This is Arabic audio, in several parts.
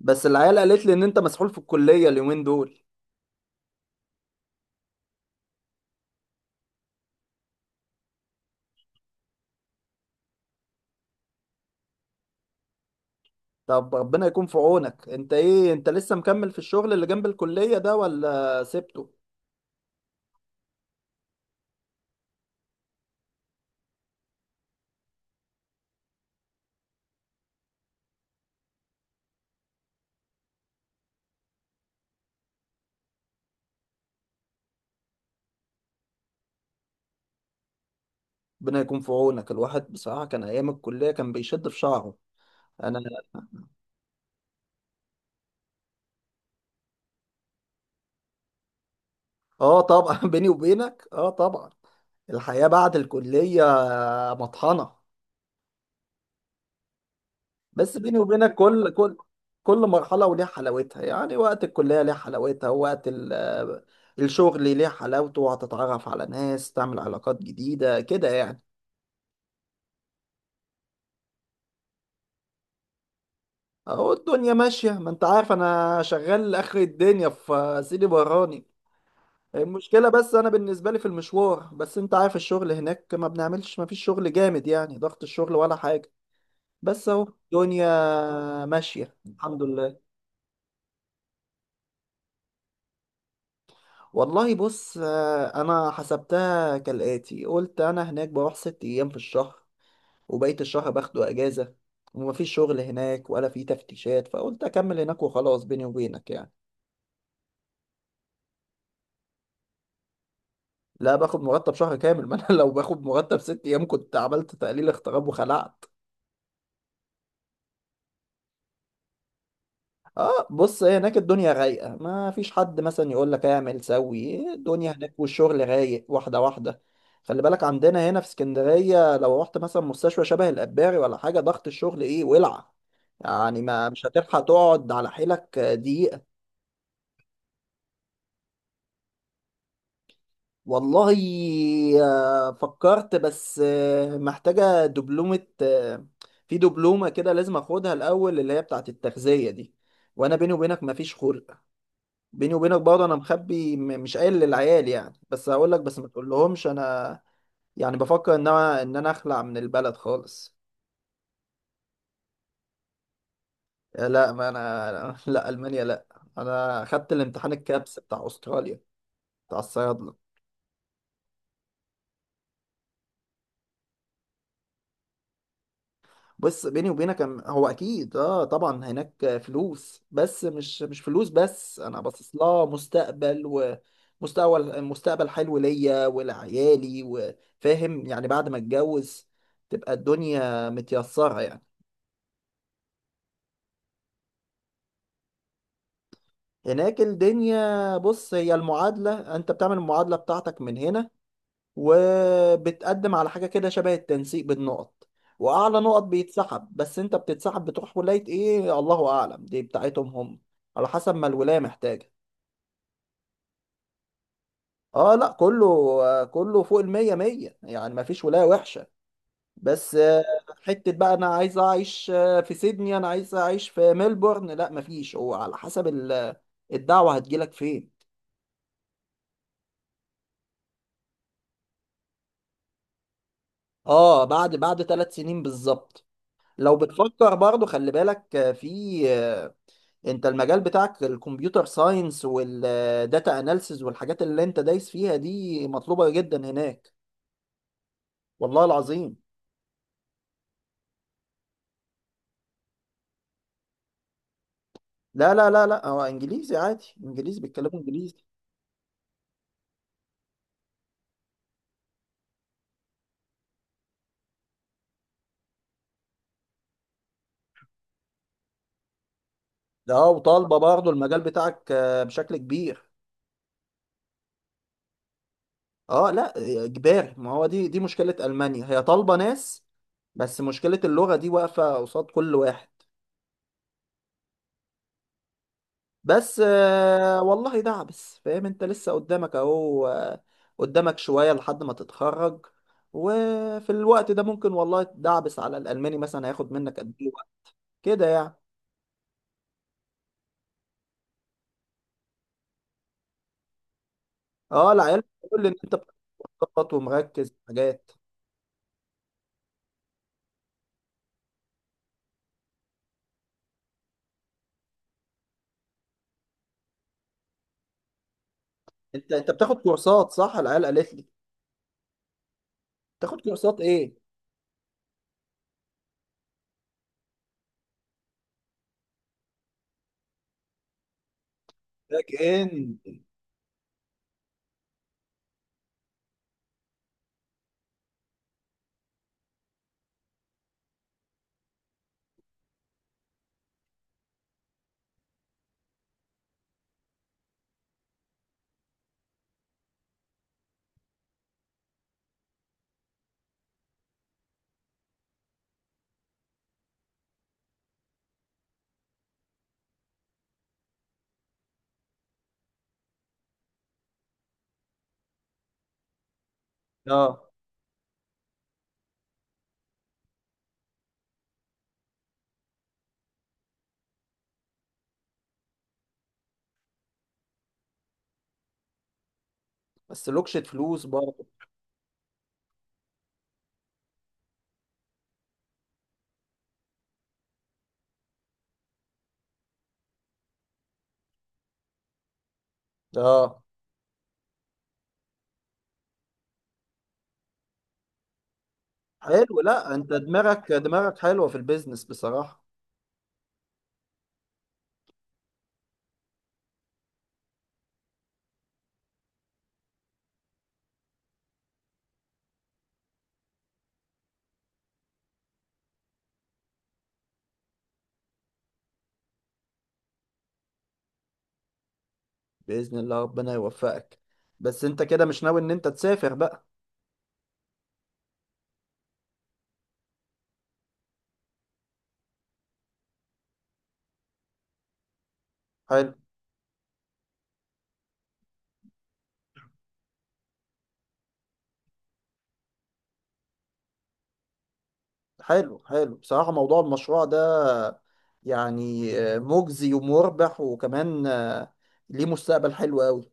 بس العيال قالت لي ان انت مسحول في الكلية اليومين دول. طب ربنا يكون في عونك. انت ايه، انت لسه مكمل في الشغل اللي جنب الكلية ده ولا سبته؟ ربنا يكون في عونك. الواحد بصراحة كان ايام الكلية كان بيشد في شعره. انا اه طبعا بيني وبينك اه طبعا. الحياة بعد الكلية مطحنة. بس بيني وبينك، كل مرحلة وليها حلاوتها، يعني وقت الكلية ليه حلاوتها ووقت الشغل ليه حلاوته، وهتتعرف على ناس تعمل علاقات جديدة كده يعني. اهو الدنيا ماشية، ما انت عارف انا شغال اخر الدنيا في سيدي براني. المشكلة بس انا بالنسبة لي في المشوار، بس انت عارف الشغل هناك ما بنعملش، ما فيش شغل جامد يعني، ضغط الشغل ولا حاجة. بس اهو الدنيا ماشية الحمد لله. والله بص، انا حسبتها كالآتي. قلت انا هناك بروح 6 ايام في الشهر، وبقية الشهر باخده اجازة، ومفيش شغل هناك ولا في تفتيشات، فقلت اكمل هناك وخلاص بيني وبينك يعني. لا باخد مرتب شهر كامل، ما انا لو باخد مرتب 6 ايام كنت عملت تقليل اغتراب وخلعت. اه بص، هي هناك الدنيا رايقه، ما فيش حد مثلا يقول لك اعمل سوي، الدنيا هناك والشغل رايق واحده واحده. خلي بالك عندنا هنا في اسكندريه لو رحت مثلا مستشفى شبه الاباري ولا حاجه، ضغط الشغل ايه، ولع يعني، ما مش هتلحق تقعد على حيلك دقيقه. والله فكرت. بس محتاجة دبلومة في دبلومة كده لازم اخدها الأول، اللي هي بتاعة التغذية دي، وانا بيني وبينك مفيش خلق. بيني وبينك برضه انا مخبي، مش قايل للعيال يعني، بس هقول لك، بس ما تقولهمش. انا يعني بفكر ان انا اخلع من البلد خالص. لا ما انا لا ألمانيا لا. انا خدت الامتحان الكابس بتاع استراليا، بتاع الصيادلة. بص بيني وبينك، هو اكيد اه طبعا هناك فلوس، بس مش فلوس، بس انا باصص لها مستقبل. ومستقبل، مستقبل حلو ليا ولعيالي، وفاهم يعني، بعد ما اتجوز تبقى الدنيا متيسرة يعني. هناك الدنيا بص، هي المعادلة انت بتعمل المعادلة بتاعتك من هنا، وبتقدم على حاجة كده شبه التنسيق بالنقط، وأعلى نقط بيتسحب. بس أنت بتتسحب بتروح ولاية إيه، الله أعلم، دي بتاعتهم هم، على حسب ما الولاية محتاجة. اه لا، كله كله فوق المية مية، يعني مفيش ولاية وحشة. بس حتة بقى أنا عايز أعيش في سيدني، أنا عايز أعيش في ملبورن، لا مفيش، هو على حسب الدعوة هتجيلك فين. اه بعد 3 سنين بالظبط. لو بتفكر برضو خلي بالك في، انت المجال بتاعك الكمبيوتر ساينس والداتا اناليسز والحاجات اللي انت دايس فيها دي مطلوبة جدا هناك، والله العظيم. لا لا لا لا، هو انجليزي عادي، انجليزي، بيتكلموا انجليزي. ده وطالبة برضه المجال بتاعك بشكل كبير. اه لا، اجباري، ما هو دي مشكلة المانيا، هي طالبة ناس، بس مشكلة اللغة دي واقفة قصاد كل واحد. بس والله دعبس فاهم، انت لسه قدامك اهو قدامك شوية لحد ما تتخرج، وفي الوقت ده ممكن والله تدعبس على الألماني مثلا، هياخد منك قد ايه وقت كده يعني. اه العيال بتقول لي ان انت بتاخد كورسات ومركز في حاجات. انت بتاخد كورسات صح، العيال قالت لي. بتاخد كورسات ايه؟ باك اند. اه بس لوكشة فلوس برضه. اه حلو، لا انت دماغك حلوة في البيزنس بصراحة. بإذن الله ربنا يوفقك. بس انت كده مش ناوي ان انت تسافر بقى؟ حلو، حلو، حلو بصراحة. موضوع المشروع ده يعني مجزي ومربح، وكمان ليه مستقبل حلو قوي.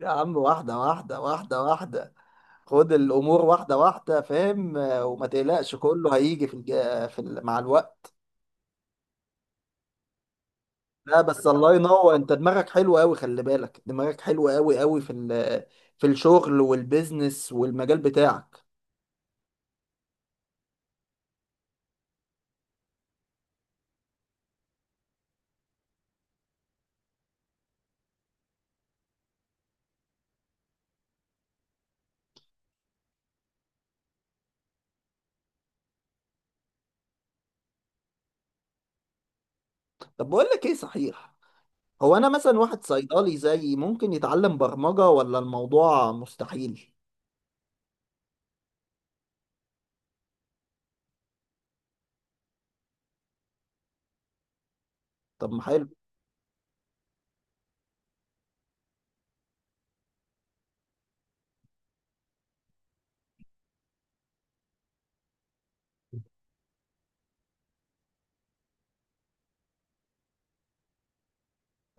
يا عم واحدة واحدة، واحدة واحدة، خد الأمور واحدة واحدة فاهم، وما تقلقش، كله هيجي في الج... في ال... مع الوقت. لا بس، الله ينور، انت دماغك حلوة قوي، خلي بالك دماغك حلوة قوي قوي في الشغل والبيزنس والمجال بتاعك. طب بقول لك ايه، صحيح، هو انا مثلا واحد صيدلي زيي ممكن يتعلم برمجة، ولا الموضوع مستحيل؟ طب ما حلو.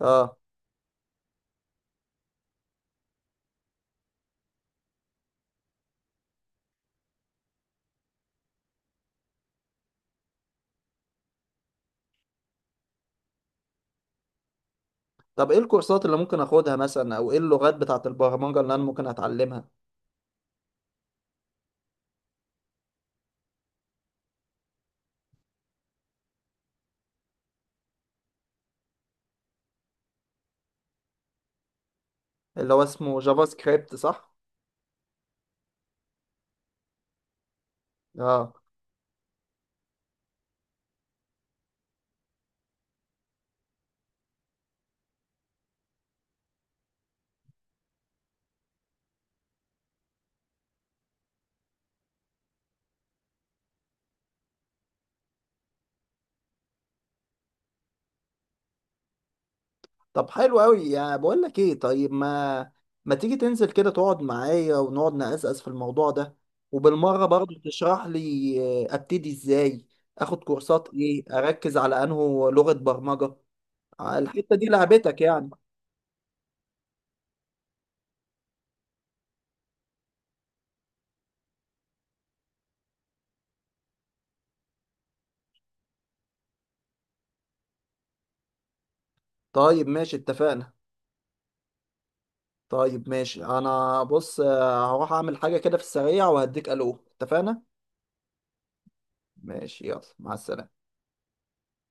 اه طب ايه الكورسات اللي ممكن اخدها مثلا، او ايه اللغات بتاعت البرمجة اللي انا ممكن اتعلمها؟ اللي هو اسمه جافا سكريبت صح؟ اه طب حلو قوي يعني. بقول لك ايه، طيب ما تيجي تنزل كده تقعد معايا، ونقعد نقزقز في الموضوع ده، وبالمرة برضه تشرح لي ابتدي ازاي، اخد كورسات ايه، اركز على انه لغة برمجة. الحتة دي لعبتك يعني. طيب ماشي، اتفقنا. طيب ماشي، انا بص هروح اعمل حاجة كده في السريع وهديك الو، اتفقنا. ماشي يلا، مع السلامة.